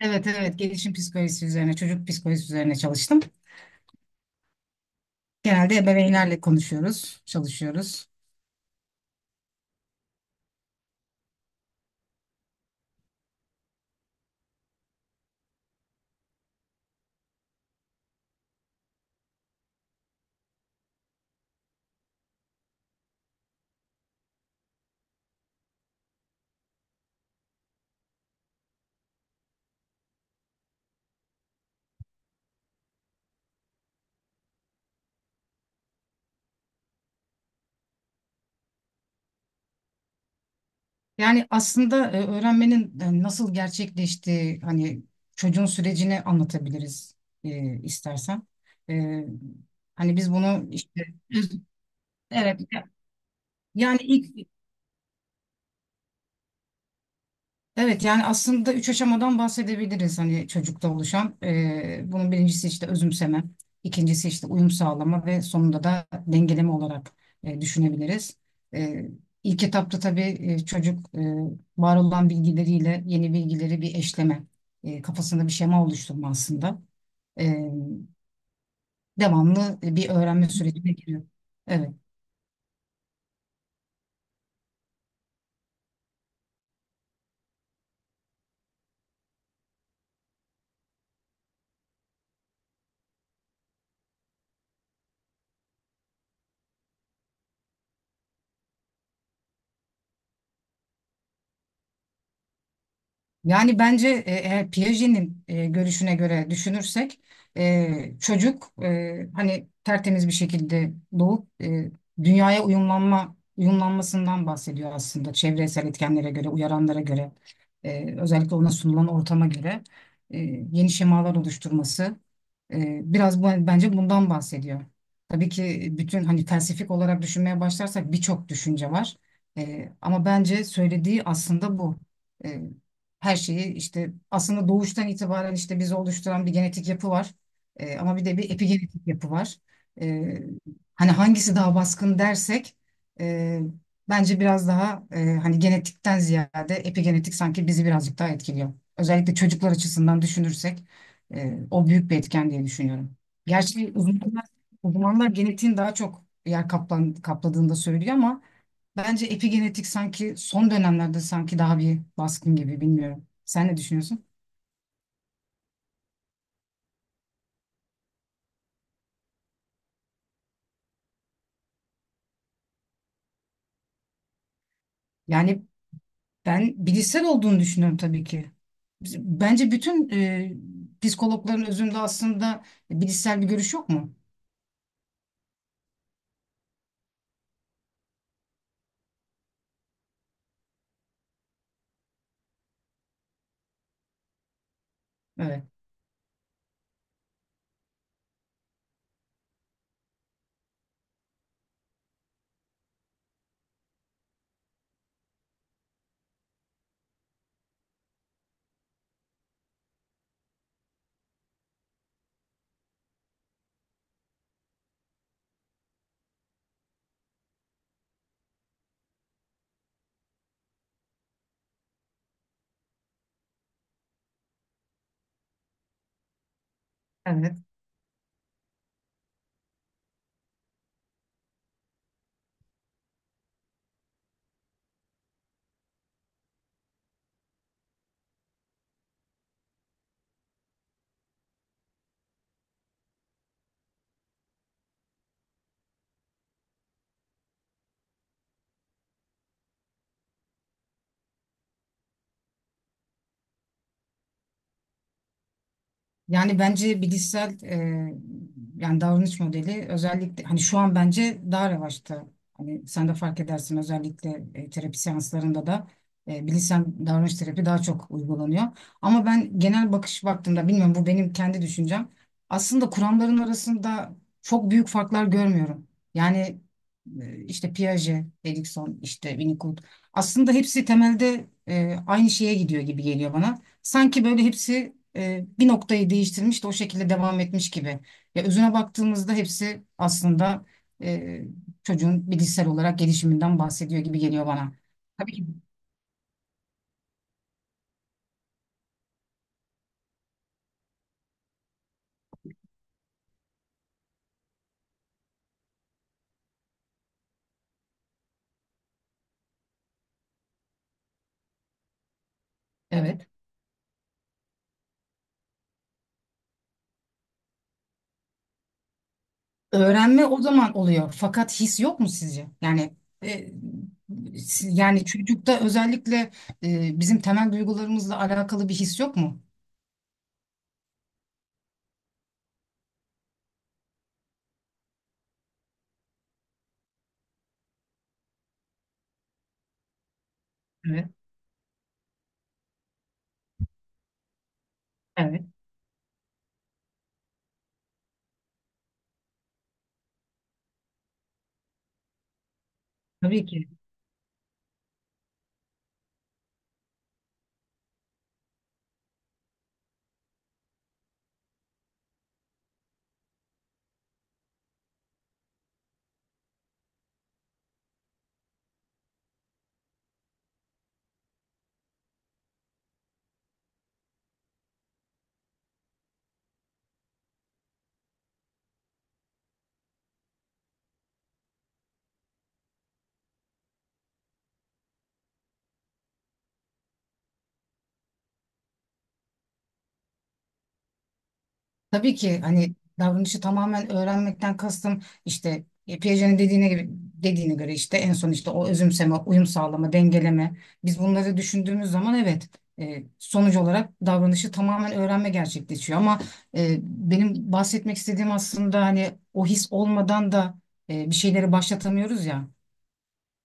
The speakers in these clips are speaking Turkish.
Evet, evet, gelişim psikolojisi üzerine, çocuk psikolojisi üzerine çalıştım. Genelde ebeveynlerle konuşuyoruz, çalışıyoruz. Yani aslında öğrenmenin nasıl gerçekleştiği, hani çocuğun sürecini anlatabiliriz, istersen. E, Hani biz bunu işte, evet, yani ilk. Evet, yani aslında üç aşamadan bahsedebiliriz, hani çocukta oluşan. Bunun birincisi işte özümseme, ikincisi işte uyum sağlama ve sonunda da dengeleme olarak düşünebiliriz. Ee, ilk etapta tabii çocuk, var olan bilgileriyle yeni bilgileri bir eşleme, kafasında bir şema oluşturma aslında. Ee, Devamlı bir öğrenme sürecine giriyor. Evet. Yani bence eğer Piaget'in görüşüne göre düşünürsek çocuk, hani tertemiz bir şekilde doğup dünyaya uyumlanmasından bahsediyor aslında, çevresel etkenlere göre, uyaranlara göre, özellikle ona sunulan ortama göre e, yeni şemalar oluşturması, biraz bu, bence bundan bahsediyor. Tabii ki bütün, hani felsefik olarak düşünmeye başlarsak, birçok düşünce var. Ama bence söylediği aslında bu. E, her şeyi işte aslında doğuştan itibaren, işte bizi oluşturan bir genetik yapı var. Ama bir de bir epigenetik yapı var. Ee, Hani hangisi daha baskın dersek, e, bence biraz daha, hani genetikten ziyade epigenetik sanki bizi birazcık daha etkiliyor. Özellikle çocuklar açısından düşünürsek, o büyük bir etken diye düşünüyorum. Gerçi uzmanlar genetiğin daha çok kapladığını da söylüyor ama bence epigenetik sanki son dönemlerde sanki daha bir baskın gibi, bilmiyorum. Sen ne düşünüyorsun? Yani ben bilişsel olduğunu düşünüyorum tabii ki. Bence bütün, psikologların özünde aslında bilişsel bir görüş yok mu? Evet. Yani bence bilişsel, yani davranış modeli özellikle, hani şu an bence daha revaçta. Hani sen de fark edersin, özellikle terapi seanslarında da bilişsel davranış terapi daha çok uygulanıyor. Ama ben genel baktığımda, bilmiyorum, bu benim kendi düşüncem. Aslında kuramların arasında çok büyük farklar görmüyorum. Yani işte Piaget, Erikson, işte Winnicott, aslında hepsi temelde aynı şeye gidiyor gibi geliyor bana. Sanki böyle hepsi bir noktayı değiştirmiş de o şekilde devam etmiş gibi. Ya özüne baktığımızda hepsi aslında e, çocuğun bilişsel olarak gelişiminden bahsediyor gibi geliyor bana. Tabii ki. Evet. Öğrenme o zaman oluyor. Fakat his yok mu sizce? Yani e, yani çocukta özellikle bizim temel duygularımızla alakalı bir his yok mu? Evet. Evet. Tabii ki. Tabii ki, hani davranışı tamamen öğrenmekten kastım işte, Piaget'in dediğine gibi dediğine göre, işte en son işte o özümseme, uyum sağlama, dengeleme. Biz bunları düşündüğümüz zaman, evet, sonuç olarak davranışı tamamen öğrenme gerçekleşiyor. Ama benim bahsetmek istediğim aslında, hani o his olmadan da bir şeyleri başlatamıyoruz ya.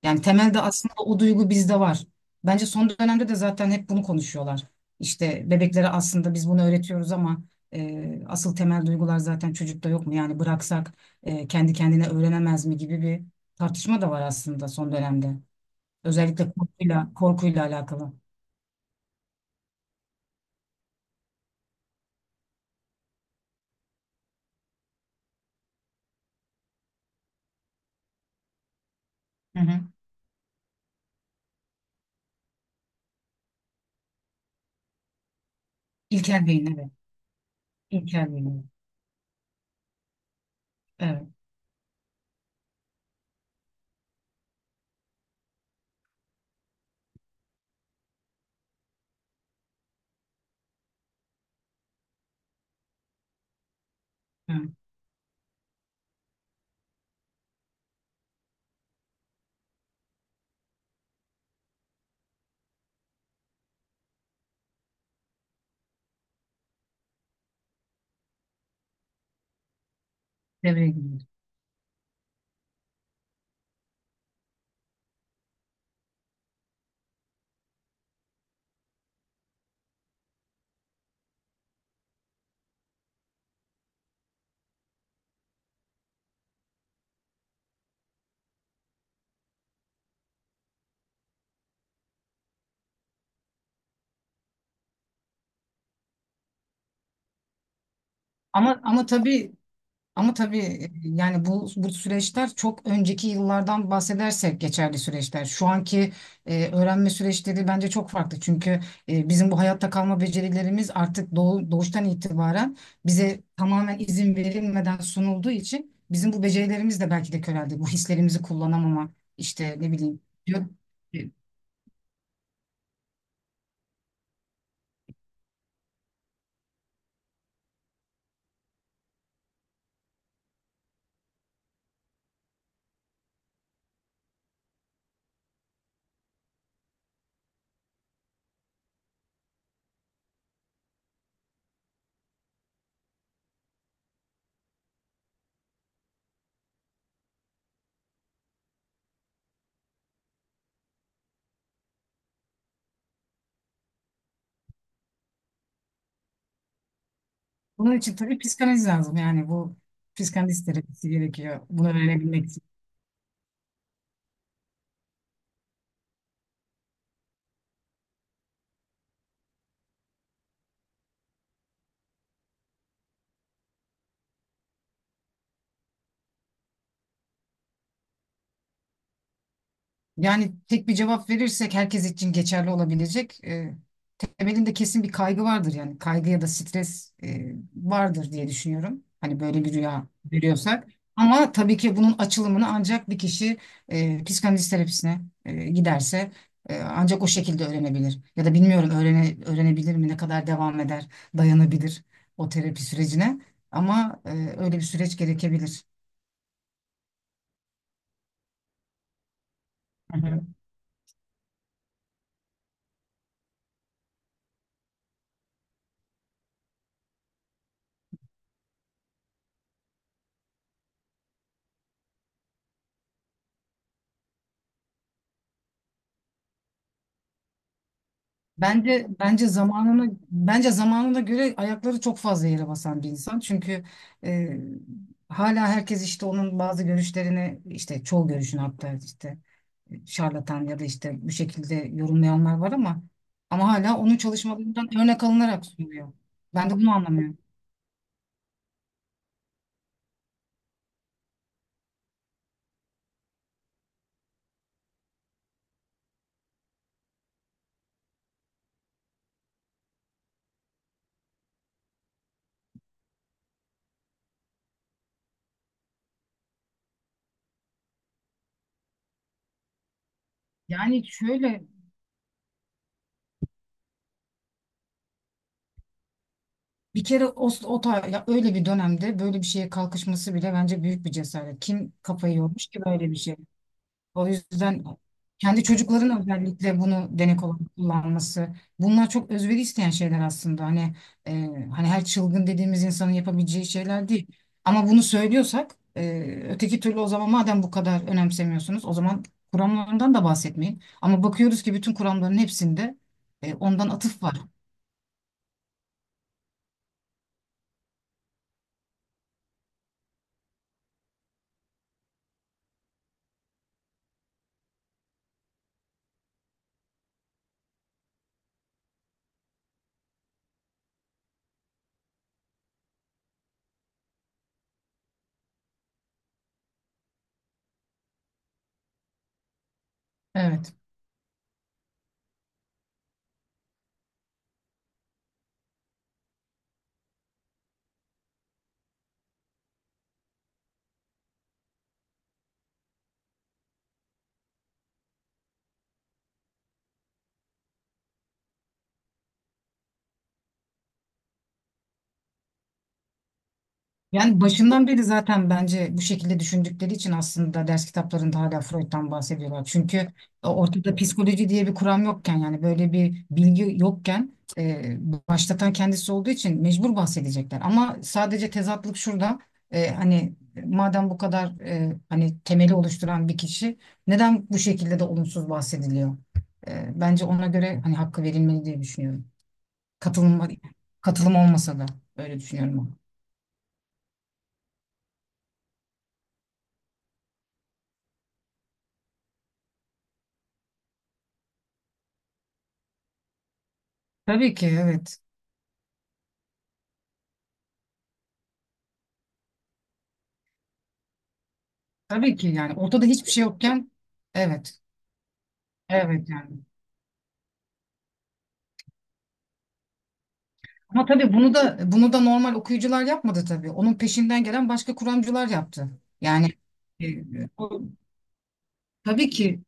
Yani temelde aslında o duygu bizde var. Bence son dönemde de zaten hep bunu konuşuyorlar. İşte bebeklere aslında biz bunu öğretiyoruz ama asıl temel duygular zaten çocukta yok mu? Yani bıraksak kendi kendine öğrenemez mi gibi bir tartışma da var aslında son dönemde. Özellikle korkuyla alakalı. Hı hı. İlkel beyin, evet. İlkel beyin. Evet. Evet. Evet. Devreye giriyor. Ama ama tabii Ama tabii, yani bu süreçler çok önceki yıllardan bahsedersek geçerli süreçler. Şu anki öğrenme süreçleri bence çok farklı. Çünkü bizim bu hayatta kalma becerilerimiz artık doğuştan itibaren bize tamamen izin verilmeden sunulduğu için, bizim bu becerilerimiz de belki de köreldi. Bu hislerimizi kullanamama, işte ne bileyim, diyor. E, Bunun için tabii psikanaliz lazım. Yani bu psikanalist terapisi gerekiyor bunu öğrenebilmek. Yani tek bir cevap verirsek herkes için geçerli olabilecek. Temelinde kesin bir kaygı vardır, yani kaygı ya da stres, vardır diye düşünüyorum. Hani böyle bir rüya görüyorsak. Ama tabii ki bunun açılımını ancak bir kişi, psikanaliz terapisine giderse, ancak o şekilde öğrenebilir. Ya da bilmiyorum, öğrenebilir mi, ne kadar devam eder, dayanabilir o terapi sürecine. Ama öyle bir süreç gerekebilir. Bence zamanına göre ayakları çok fazla yere basan bir insan. Çünkü e, hala herkes işte onun bazı görüşlerini, işte çoğu görüşünü, hatta işte, şarlatan ya da işte bu şekilde yorumlayanlar var ama hala onun çalışmalarından örnek alınarak sunuluyor. Ben de bunu anlamıyorum. Yani şöyle, bir kere ya öyle bir dönemde böyle bir şeye kalkışması bile bence büyük bir cesaret. Kim kafayı yormuş ki böyle bir şey? O yüzden kendi çocukların özellikle bunu denek olarak kullanması. Bunlar çok özveri isteyen şeyler aslında. Hani e, hani her çılgın dediğimiz insanın yapabileceği şeyler değil. Ama bunu söylüyorsak öteki türlü, o zaman madem bu kadar önemsemiyorsunuz, o zaman kuramlarından da bahsetmeyin. Ama bakıyoruz ki bütün kuramların hepsinde ondan atıf var. Evet. Yani başından beri zaten bence bu şekilde düşündükleri için aslında ders kitaplarında hala Freud'dan bahsediyorlar. Çünkü ortada psikoloji diye bir kuram yokken, yani böyle bir bilgi yokken, başlatan kendisi olduğu için mecbur bahsedecekler. Ama sadece tezatlık şurada: hani madem bu kadar, hani temeli oluşturan bir kişi, neden bu şekilde de olumsuz bahsediliyor? Bence ona göre hani hakkı verilmeli diye düşünüyorum. Katılım, katılım olmasa da öyle düşünüyorum. Tabii ki, evet. Tabii ki, yani ortada hiçbir şey yokken, evet, evet, yani. Ama tabii bunu da normal okuyucular yapmadı tabii. Onun peşinden gelen başka kuramcılar yaptı. Yani e, o, tabii ki,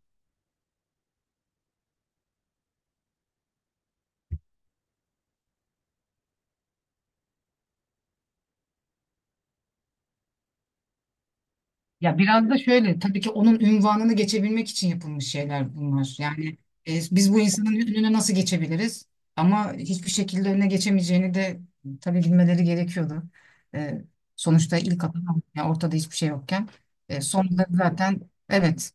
ya biraz da şöyle, tabii ki onun ünvanını geçebilmek için yapılmış şeyler bunlar. Yani biz bu insanın önüne nasıl geçebiliriz? Ama hiçbir şekilde önüne geçemeyeceğini de tabii bilmeleri gerekiyordu. E, Sonuçta ilk adam, yani ortada hiçbir şey yokken, sonunda zaten, evet.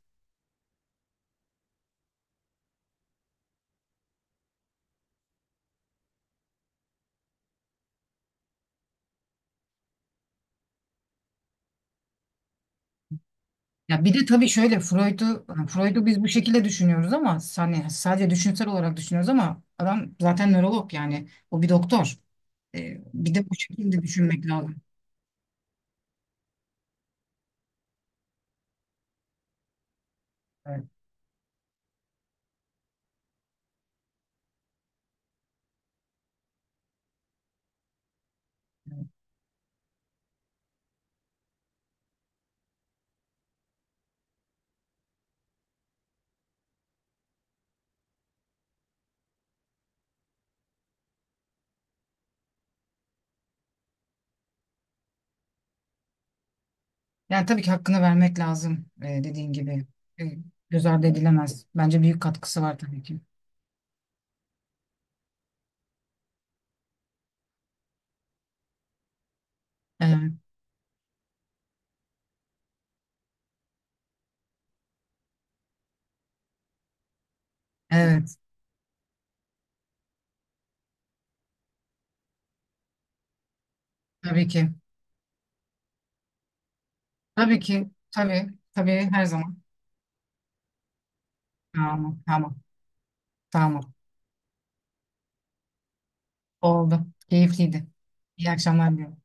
Ya bir de tabii şöyle, Freud'u biz bu şekilde düşünüyoruz ama, hani sadece düşünsel olarak düşünüyoruz, ama adam zaten nörolog, yani o bir doktor. Bir de bu şekilde düşünmek lazım. Evet, evet. Yani tabii ki hakkını vermek lazım, dediğin gibi. Ee, Göz ardı edilemez. Bence büyük katkısı var tabii ki. Evet, evet, tabii ki. Tabii ki. Tabii. Tabii, her zaman. Tamam. Tamam. Tamam. Oldu. Keyifliydi. İyi akşamlar diliyorum.